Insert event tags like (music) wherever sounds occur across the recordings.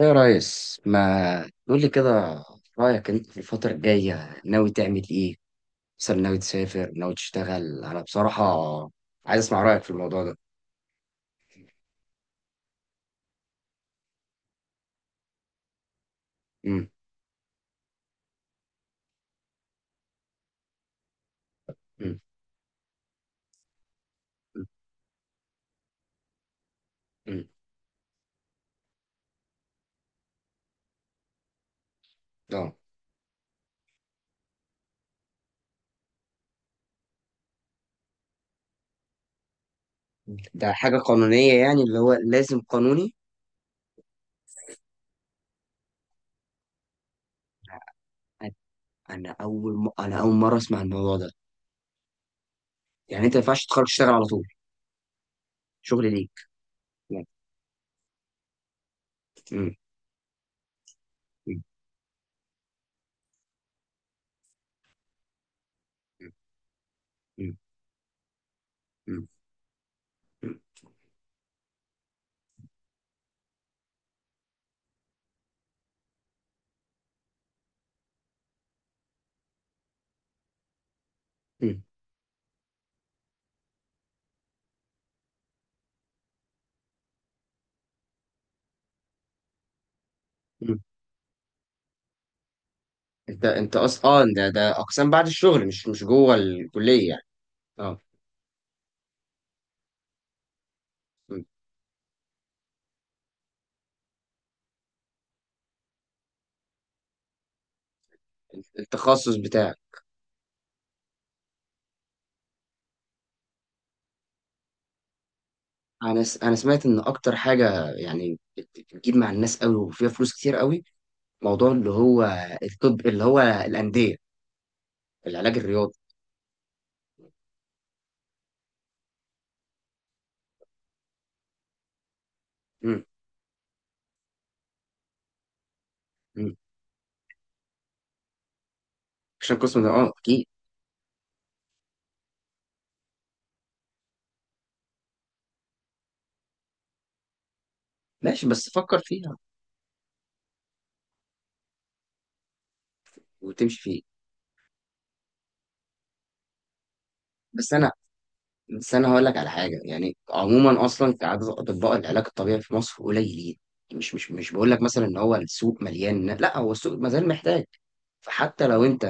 يا ريس ما تقول لي كده، رأيك انت في الفترة الجاية ناوي تعمل ايه؟ مثلا ناوي تسافر ناوي تشتغل، انا بصراحة عايز اسمع رأيك في الموضوع ده. امم. امم. امم. ده. ده حاجة قانونية يعني اللي هو لازم قانوني؟ انا انا اول مرة اسمع الموضوع ده. يعني انت ما ينفعش تتخرج تشتغل على طول؟ شغل ليك. لا. أمم، أمم، أمم، أمم، أمم، أمم، أمم. انت اصلا، ده اقسام بعد الشغل، مش جوه الكلية يعني؟ اه. التخصص بتاعك. انا سمعت ان اكتر حاجه يعني بتجيب مع الناس قوي وفيها فلوس كتير قوي. موضوع اللي هو الطب، اللي هو الانديه، العلاج الرياضي. امم. امم. عشان قسم ده، اه، اكيد. ماشي، بس فكر فيها. وتمشي فيه. بس انا بس انا هقول لك على حاجه. يعني عموما اصلا كعدد، اطباء العلاج الطبيعي في مصر قليلين. مش بقول لك مثلا ان هو السوق مليان، لا هو السوق ما زال محتاج. فحتى لو انت،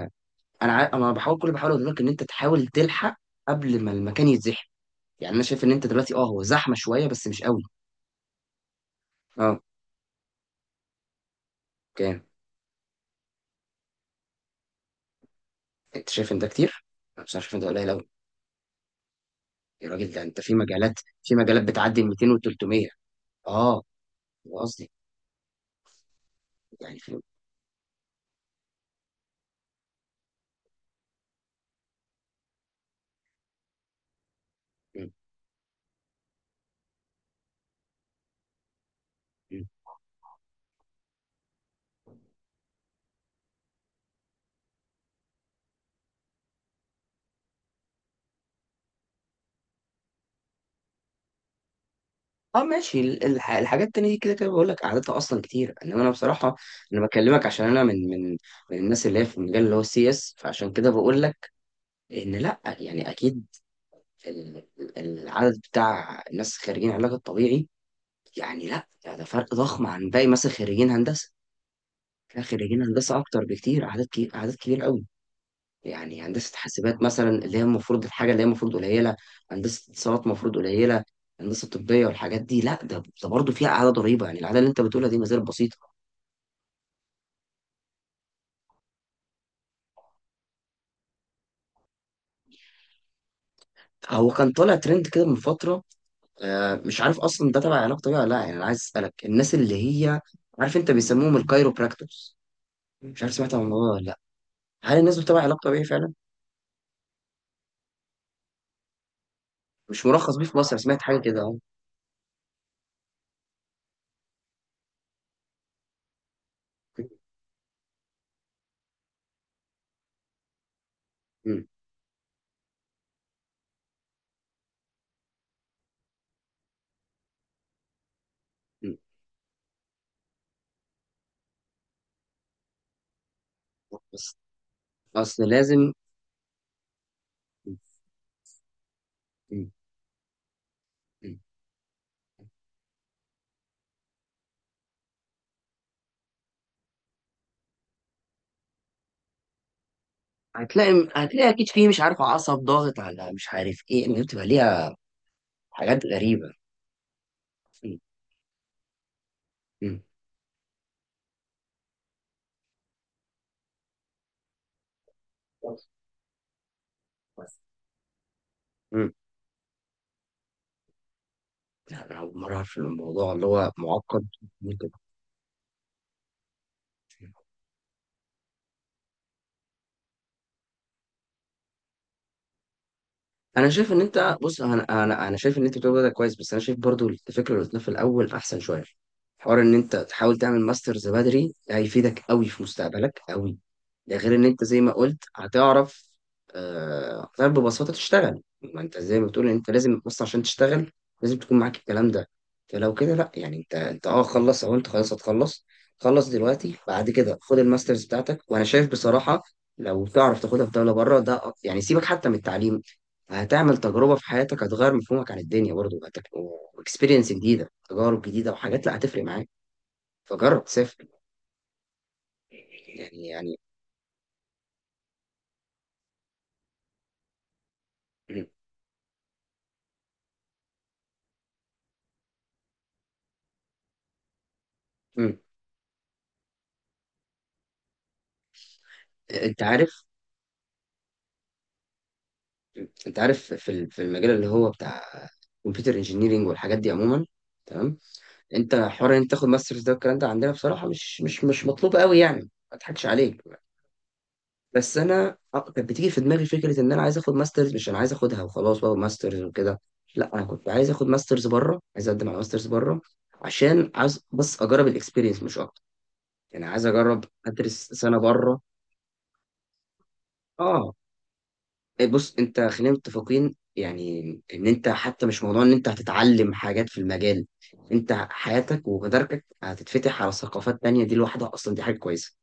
انا بحاول، بحاول اقول لك ان انت تحاول تلحق قبل ما المكان يتزحم. يعني انا شايف ان انت دلوقتي، هو زحمه شويه بس مش قوي. اه. كام؟ انت شايف ان ده كتير؟ انا بصراحه شايف ان ده قليل قوي. يا راجل، ده انت في مجالات، في مجالات بتعدي 200 و300. اه. ده قصدي. يعني في م- م. اه، ماشي، الحاجات التانية دي كده كده بقول لك قعدتها اصلا كتير. انما انا بصراحه انا بكلمك عشان انا من الناس اللي هي في المجال اللي هو CS، فعشان كده بقول لك ان لا، يعني اكيد ال- العدد بتاع الناس خريجين علاج الطبيعي يعني، لا ده فرق ضخم عن باقي مثلا خريجين هندسه. لا، خريجين هندسه اكتر بكتير، اعداد كبير، اعداد كبير قوي. يعني هندسه حاسبات مثلا، اللي هي المفروض الحاجه اللي هي المفروض قليله، هندسه اتصالات المفروض قليله، هندسه طبيه والحاجات دي، لا ده برضه فيها اعداد قريبه. يعني الاعداد اللي انت بتقولها دي ما زالت بسيطه. هو كان طالع ترند كده من فتره. مش عارف اصلا ده تبع علاج طبيعي ولا لا. يعني انا عايز اسالك، الناس اللي هي، عارف انت، بيسموهم الكايروبراكتورز، مش عارف سمعت عن الموضوع ده ولا. هل الناس بتتابع علاقته بيه فعلا؟ مش مرخص بيه في مصر، أنا سمعت حاجة كده أهو. م- م- بس أصل لازم م- م- هتلاقي هتلاقي أكيد فيه مش عارف عصب ضاغط على مش عارف إيه، إن بتبقى ليها حاجات غريبة. م- م. بس- بس. م. لا، أنا أول مرة أعرف إن الموضوع اللي هو معقد. ممكن. انا شايف ان انت بص، انا شايف ان انت بتقول ده كويس، بس انا شايف برضو الفكره اللي قلتها في الاول احسن شويه. حوار ان انت تحاول تعمل ماسترز بدري هيفيدك قوي في مستقبلك قوي. ده غير ان انت زي ما قلت هتعرف. هتعرف ببساطه تشتغل. ما انت زي ما بتقول ان انت لازم، بص، عشان تشتغل لازم تكون معاك الكلام ده. فلو كده لا، يعني انت خلص، او انت خلاص هتخلص، خلص دلوقتي. بعد كده خد الماسترز بتاعتك، وانا شايف بصراحه لو تعرف تاخدها في دوله بره ده، يعني سيبك حتى من التعليم، هتعمل تجربة في حياتك، هتغير مفهومك عن الدنيا برضو، واكسبيرينس جديدة، تجارب جديدة، وحاجات لا هتفرق معاك. فجرب، سافر. يعني (clears throat) م. انت عارف انت عارف في في المجال اللي هو بتاع كمبيوتر انجينيرنج والحاجات دي عموما، تمام؟ انت حوار ان انت تاخد ماسترز ده والكلام ده عندنا بصراحة مش مطلوب قوي، يعني ما اضحكش عليك. بس انا كانت بتيجي في دماغي فكره ان انا عايز اخد ماسترز، مش انا عايز اخدها وخلاص بقى ماسترز وكده، لا انا كنت عايز اخد ماسترز بره، عايز اقدم على ماسترز بره، عشان عايز بس اجرب الاكسبيرينس مش اكتر. يعني عايز اجرب ادرس سنه بره. اه. إيه، بص، انت خلينا متفقين يعني ان انت حتى مش موضوع ان انت هتتعلم حاجات في المجال، انت حياتك ومداركك هتتفتح على ثقافات تانية، دي لوحدها اصلا دي حاجه كويسه.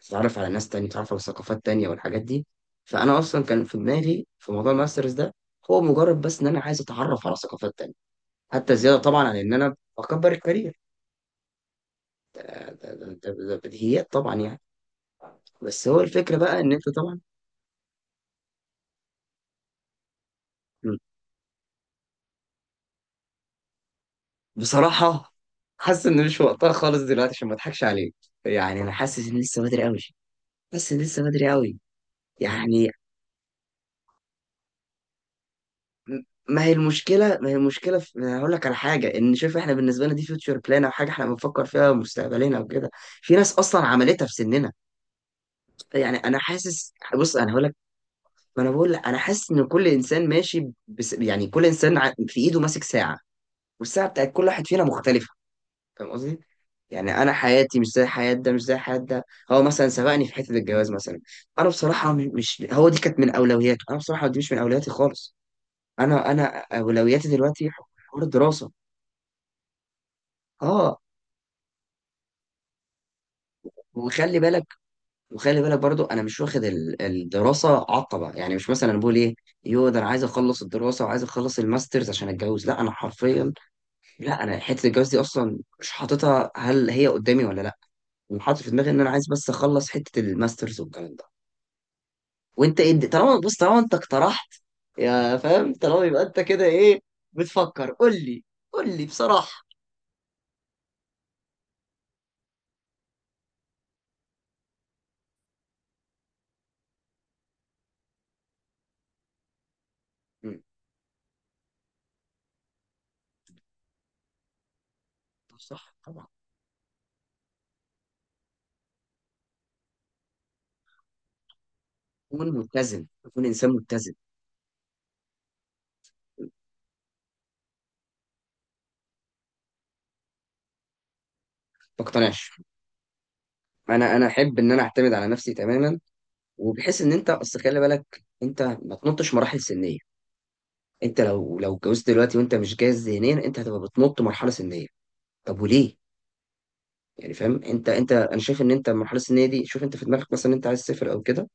تتعرف على ناس تانية، تتعرف على ثقافات تانية والحاجات دي. فأنا أصلا كان في دماغي في موضوع الماسترز ده، هو مجرد بس إن أنا عايز أتعرف على ثقافات تانية، حتى زيادة طبعا عن إن أنا بكبر الكارير. ده بديهيات طبعا يعني. بس هو الفكرة بقى إن أنت طبعا. م. بصراحة حاسس إن مش وقتها خالص دلوقتي، عشان ما أضحكش عليك. يعني أنا حاسس إن لسه بدري أوي. حاسس إن لسه بدري أوي. يعني ما هي المشكلة، ما هي المشكلة أنا هقول لك على حاجة. إن شوف، إحنا بالنسبة لنا دي فيوتشر بلان، أو حاجة إحنا بنفكر فيها مستقبلنا وكده. في ناس أصلا عملتها في سننا. يعني أنا حاسس، بص أنا هقول لك، ما أنا بقول لك، أنا حاسس إن كل إنسان ماشي يعني كل إنسان في إيده ماسك ساعة، والساعة بتاعت كل واحد فينا مختلفة. فاهم قصدي؟ يعني أنا حياتي مش زي حياة ده، مش زي حياة ده. هو مثلا سبقني في حتة الجواز مثلا. أنا بصراحة، مش هو، دي كانت من أولوياته، أنا بصراحة دي مش من أولوياتي خالص. انا اولوياتي دلوقتي حوار الدراسه. اه. وخلي بالك، برضو انا مش واخد الدراسه عطبه، يعني مش مثلا انا بقول ايه، يو ده انا عايز اخلص الدراسه وعايز اخلص الماسترز عشان اتجوز. لا، انا حرفيا، لا انا حته الجواز دي اصلا مش حاططها هل هي قدامي ولا لا. انا حاطط في دماغي ان انا عايز بس اخلص حته الماسترز والكلام ده. وانت ايه طالما، بص، طالما انت اقترحت، يا فاهم، طالما يبقى انت كده، ايه بتفكر؟ قول لي، قول لي بصراحه. مم. صح. اكون متزن، اكون انسان متزن. ما اقتنعش. انا احب ان انا اعتمد على نفسي تماما، وبحيث ان انت، اصل خلي بالك انت ما تنطش مراحل سنيه. انت لو اتجوزت دلوقتي وانت مش جاهز ذهنيا، انت هتبقى بتنط مرحله سنيه. طب وليه؟ يعني فاهم انت انت انا شايف ان انت المرحله السنيه دي، شوف انت في دماغك مثلا انت عايز تسافر او كده،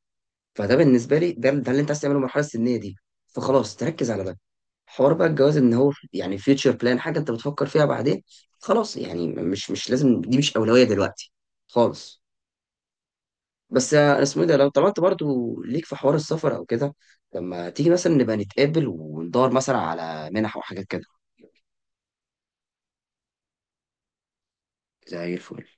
فده بالنسبه لي، ده اللي انت عايز تعمله، المرحله السنيه دي، فخلاص تركز على ده. حوار بقى الجواز، ان هو يعني فيوتشر بلان، حاجه انت بتفكر فيها بعدين، خلاص، يعني مش لازم، دي مش اولويه دلوقتي خالص. بس اسمه ايه ده، لو طلعت برضو ليك في حوار السفر او كده، لما تيجي مثلا نبقى نتقابل وندور مثلا على منح وحاجات كده. زي الفل.